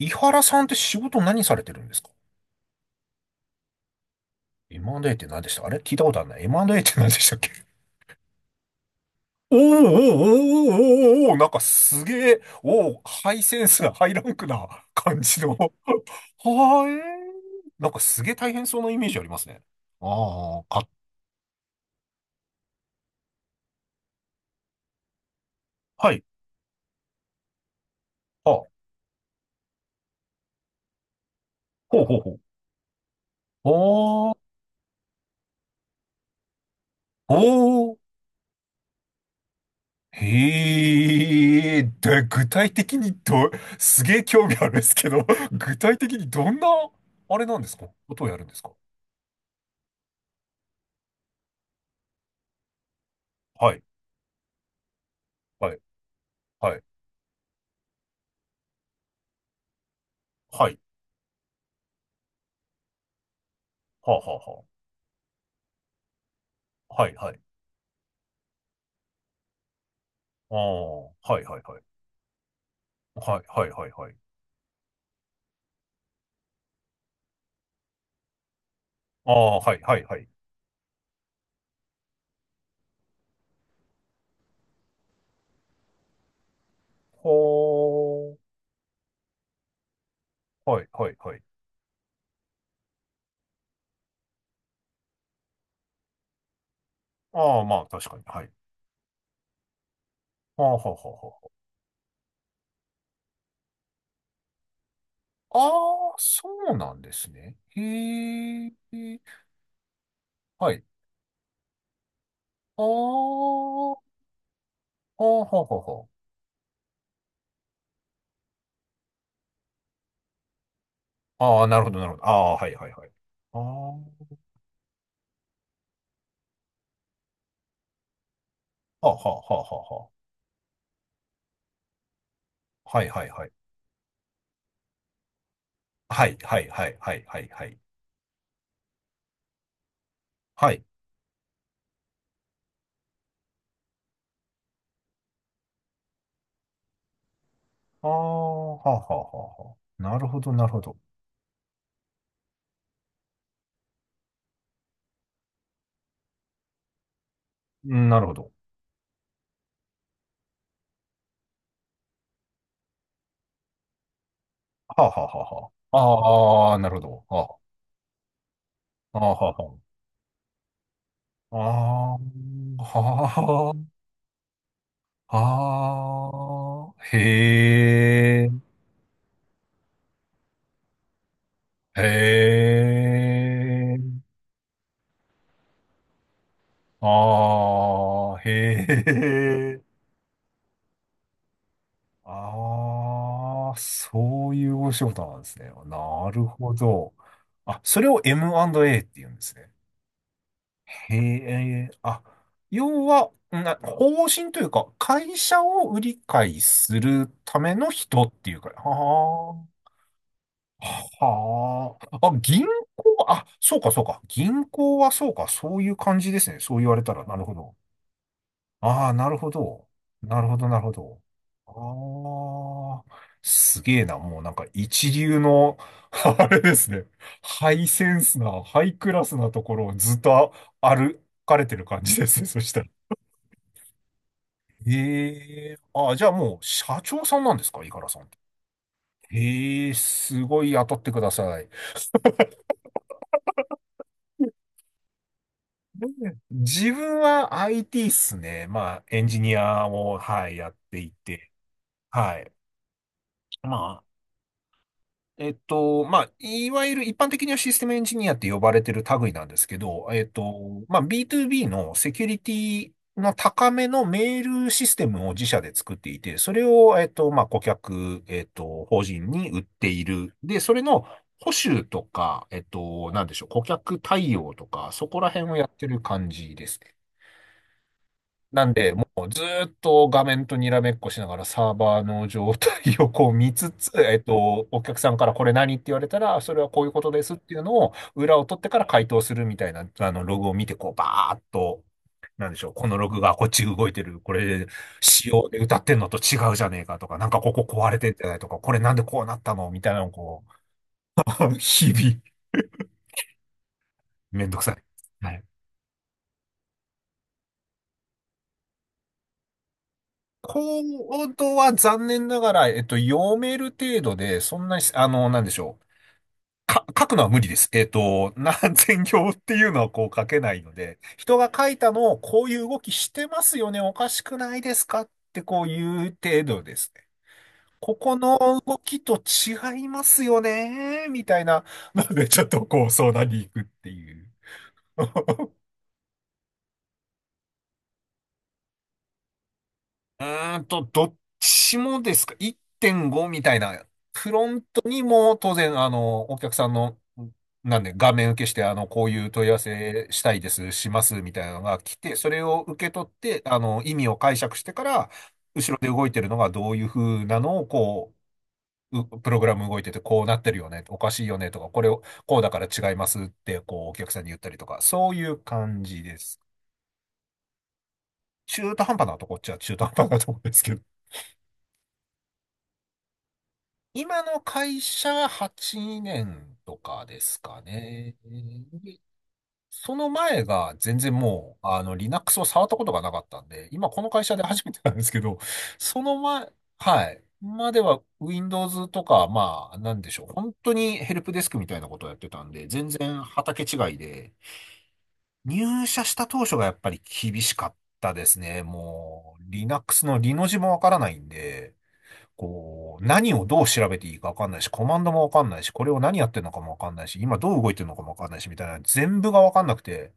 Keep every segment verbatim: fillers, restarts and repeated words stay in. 井原さんって仕事何されてるんですか？ エムアンドエー って何でしたあれ聞いたことあるな。エムアンドエー って何でしたっけ？おーおーおーおーおーおー、なんかすげえ、おー、ハイセンスな、ハイランクな感じの。はーえー。なんかすげえ大変そうなイメージありますね。ああ、か、はい。あ、ほうほうほう。おおー。へえ、で、具体的にど、すげえ興味あるんですけど、具体的にどんな、あれなんですか、ことをやるんですか？はい、はい、はい、はい、はあ、はあ、はあ、はい、はい、ああ、はい、はい、はい、はい、はい、はい、はい、ああ、はい、はい、はい、ほー、はい、はい、はい、あまあ、確かに、はい、はあ、はははあ、そうなんですね。へはい、あははははあ、なるほど、なるほど、あはい、はい、はい、あはあ、はははははい、はい、はい、はい、はい、はい、はい、はい、ああ、はあはあはあはあ。なるほど、なるほど。うんなるほど。はあはあはあはあ。ああ、なるほど。ああ、はあはあはあ。ああ、はあ、はあ。ああへえ、へえ、ああ、へえ。ああ、そういうお仕事なんですね。なるほど。あ、それを エムアンドエー って言うんですね。へえ、あ、要は、な、方針というか、会社を売り買いするための人っていうか、はあ、はあ、あ、銀行、あ、そうか、そうか、銀行はそうか、そういう感じですね。そう言われたら、なるほど。ああ、なるほど。なるほど、なるほど。ああ、すげえな。もうなんか一流の、あれですね。ハイセンスな、ハイクラスなところをずっと歩かれてる感じですね。そしたら。ええ、ああ、じゃあもう社長さんなんですか、井原さんって。ええ、すごい雇ってください。自分は アイティー っすね。まあ、エンジニアを、はい、やっていて、はい。まえっと、まあ、いわゆる一般的にはシステムエンジニアって呼ばれてる類なんですけど、えっと、まあ、ビートゥービー のセキュリティの高めのメールシステムを自社で作っていて、それを、えっと、まあ、顧客、えっと、法人に売っている。で、それの保守とか、えっと、なんでしょう、顧客対応とか、そこら辺をやってる感じですね。なんで、ずーっと画面とにらめっこしながらサーバーの状態をこう見つつ、えっと、お客さんからこれ何って言われたら、それはこういうことですっていうのを裏を取ってから回答するみたいな、あの、ログを見て、こう、バーっと、なんでしょう、このログがこっち動いてる、これ、仕様で歌ってんのと違うじゃねえかとか、なんかここ壊れてんじゃないとか、これなんでこうなったのみたいなのをこう、日々、めんどくさい。はいコードは残念ながら、えっと、読める程度で、そんなに、あの、なんでしょう。か、書くのは無理です。えっと、何千行っていうのはこう書けないので、人が書いたのをこういう動きしてますよね、おかしくないですかってこういう程度ですね。ここの動きと違いますよね、みたいなので、ちょっとこう相談に行くっていう。うーんと、どっちもですか？ いってんご みたいな。フロントにも当然、あの、お客さんの、なんで、画面受けして、あの、こういう問い合わせしたいです、します、みたいなのが来て、それを受け取って、あの、意味を解釈してから、後ろで動いてるのがどういう風なのを、こう、うプログラム動いてて、こうなってるよね、おかしいよね、とか、これを、こうだから違いますって、こう、お客さんに言ったりとか、そういう感じです。中途半端なとこっちゃ中途半端なとこですけど、今の会社がはちねんとかですかね。でその前が全然もう、あの、Linux を触ったことがなかったんで、今この会社で初めてなんですけど、その前、はい。までは Windows とか、まあ、なんでしょう。本当にヘルプデスクみたいなことをやってたんで、全然畑違いで、入社した当初がやっぱり厳しかったですね。もう、Linux のリの字もわからないんで、こう、何をどう調べていいかわかんないし、コマンドもわかんないし、これを何やってるのかもわかんないし、今どう動いてるのかもわかんないし、みたいな、全部がわかんなくて、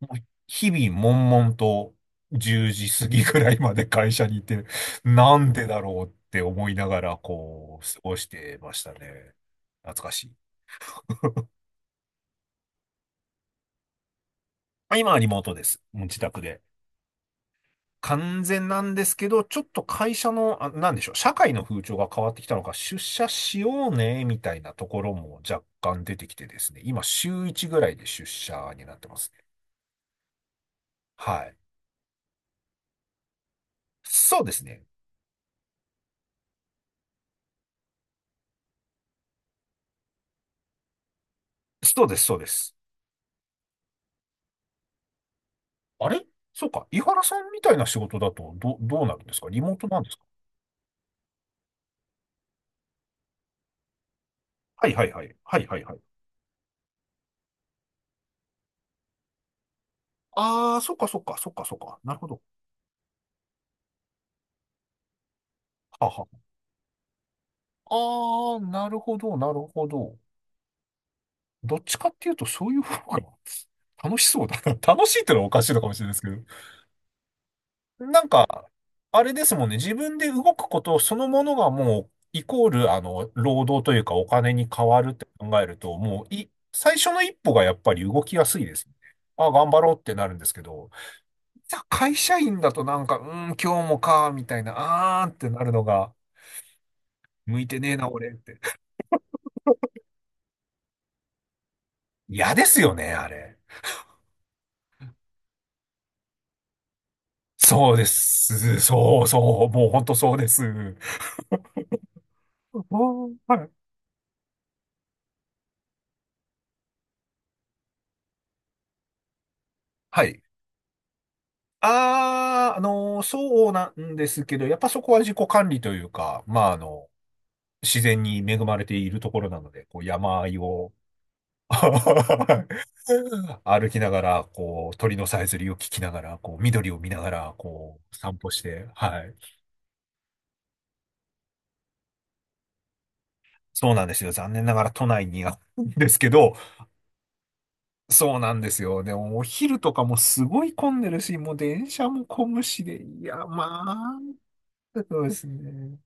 もう日々悶々とじゅうじ過ぎぐらいまで会社にいて、なんでだろうって思いながら、こう、過ごしてましたね。懐かしい。まあ今はリモートです。もう自宅で。完全なんですけど、ちょっと会社の、あ、なんでしょう、社会の風潮が変わってきたのか、出社しようね、みたいなところも若干出てきてですね、今週いちぐらいで出社になってますね。はい。そうですね。そうです、そうです。あれそうか。井原さんみたいな仕事だと、ど、どうなるんですか、リモートなんですか？はいはいはい。はいはいはい。ああ、そっかそっかそっかそっか。なるほど。はは。ああ、なるほど、なるほど。どっちかっていうと、そういう方が楽しそうだな。楽しいってのはおかしいのかもしれないですけど。なんか、あれですもんね。自分で動くことそのものがもう、イコール、あの、労働というかお金に変わるって考えると、もう、い、最初の一歩がやっぱり動きやすいですね。あ、頑張ろうってなるんですけど、じゃあ会社員だとなんか、うん、今日もか、みたいな、あーってなるのが、向いてねえな、俺って。嫌ですよね、あれ。そうです。そうそう。もう本当そうです。おーはい。はい。ああ、あのーそうなんですけど、やっぱそこは自己管理というか、まあ、あの、自然に恵まれているところなので、こう、山あいを 歩きながら、こう、鳥のさえずりを聞きながら、こう、緑を見ながら、こう、散歩して、はい。そうなんですよ。残念ながら都内にあるんですけど、そうなんですよ。でも、お昼とかもすごい混んでるし、もう電車も混むしで、いや、まあ、そうですね。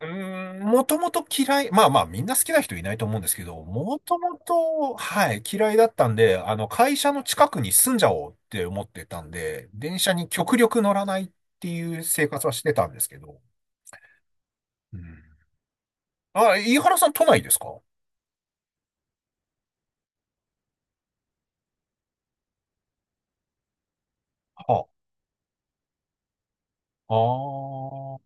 うーん、もともと嫌い、まあまあみんな好きな人いないと思うんですけど、もともと、はい、嫌いだったんで、あの会社の近くに住んじゃおうって思ってたんで、電車に極力乗らないっていう生活はしてたんですけど。うん。あ、飯原さん都内ですか？はあ、あー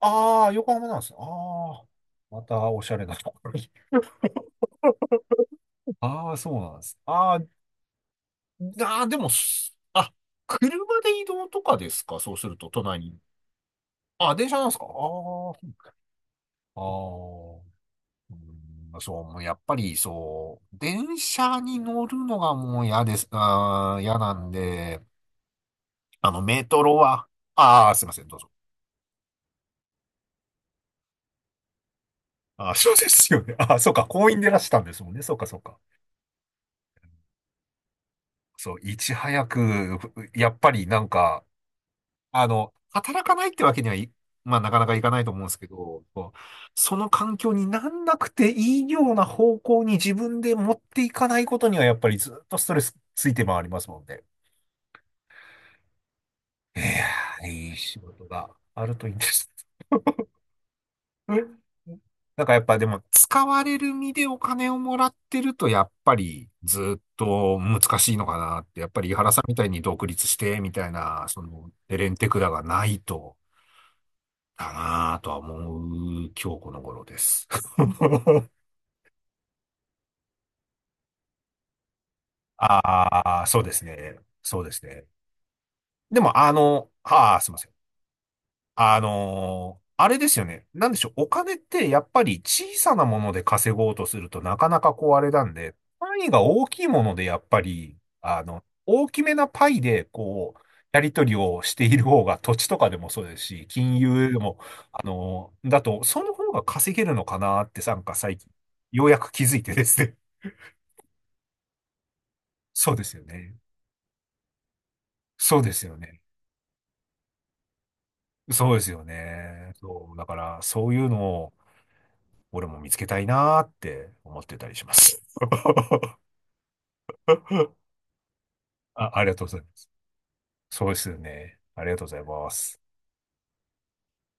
あー、横浜なんですね。ああ、またおしゃれなところに。ああ、そうなんです。あーあー、でも、すあ、車で移動とかですか、そうすると都内に。あ、電車なんですかああー。ああ、うんそう、もうやっぱりそう、電車に乗るのがもう嫌です、あー、嫌なんで、あの、メトロは、ああ、すいません、どうぞ。あー そうですよね。あーそうか、公園でいらしたんですもんね。そうか、そうか。そう、いち早く、やっぱりなんか、あの、働かないってわけにはい、まあ、なかなかいかないと思うんですけど、こうその環境になんなくていいような方向に自分で持っていかないことには、やっぱりずっとストレスついて回りますもんね。いやー、いい仕事があるといいんです。うんなんかやっぱでも、使われる身でお金をもらってると、やっぱりずっと難しいのかなって、やっぱり井原さんみたいに独立して、みたいな、その、エレンテクラがないと、だなぁとは思う今日この頃です。ああ、そうですね。そうですね。でも、あの、ああ、すいません。あのーあれですよね。なんでしょう。お金ってやっぱり小さなもので稼ごうとするとなかなかこうあれなんで、単位が大きいものでやっぱり、あの、大きめなパイでこう、やり取りをしている方が土地とかでもそうですし、金融でも、あのーだと、その方が稼げるのかなってなんか最近、ようやく気づいてですね。そうですよね。そうですよね。そうですよね。そう。だから、そういうのを、俺も見つけたいなーって思ってたりします。あ、ありがとうございます。そうですよね。ありがとうございます。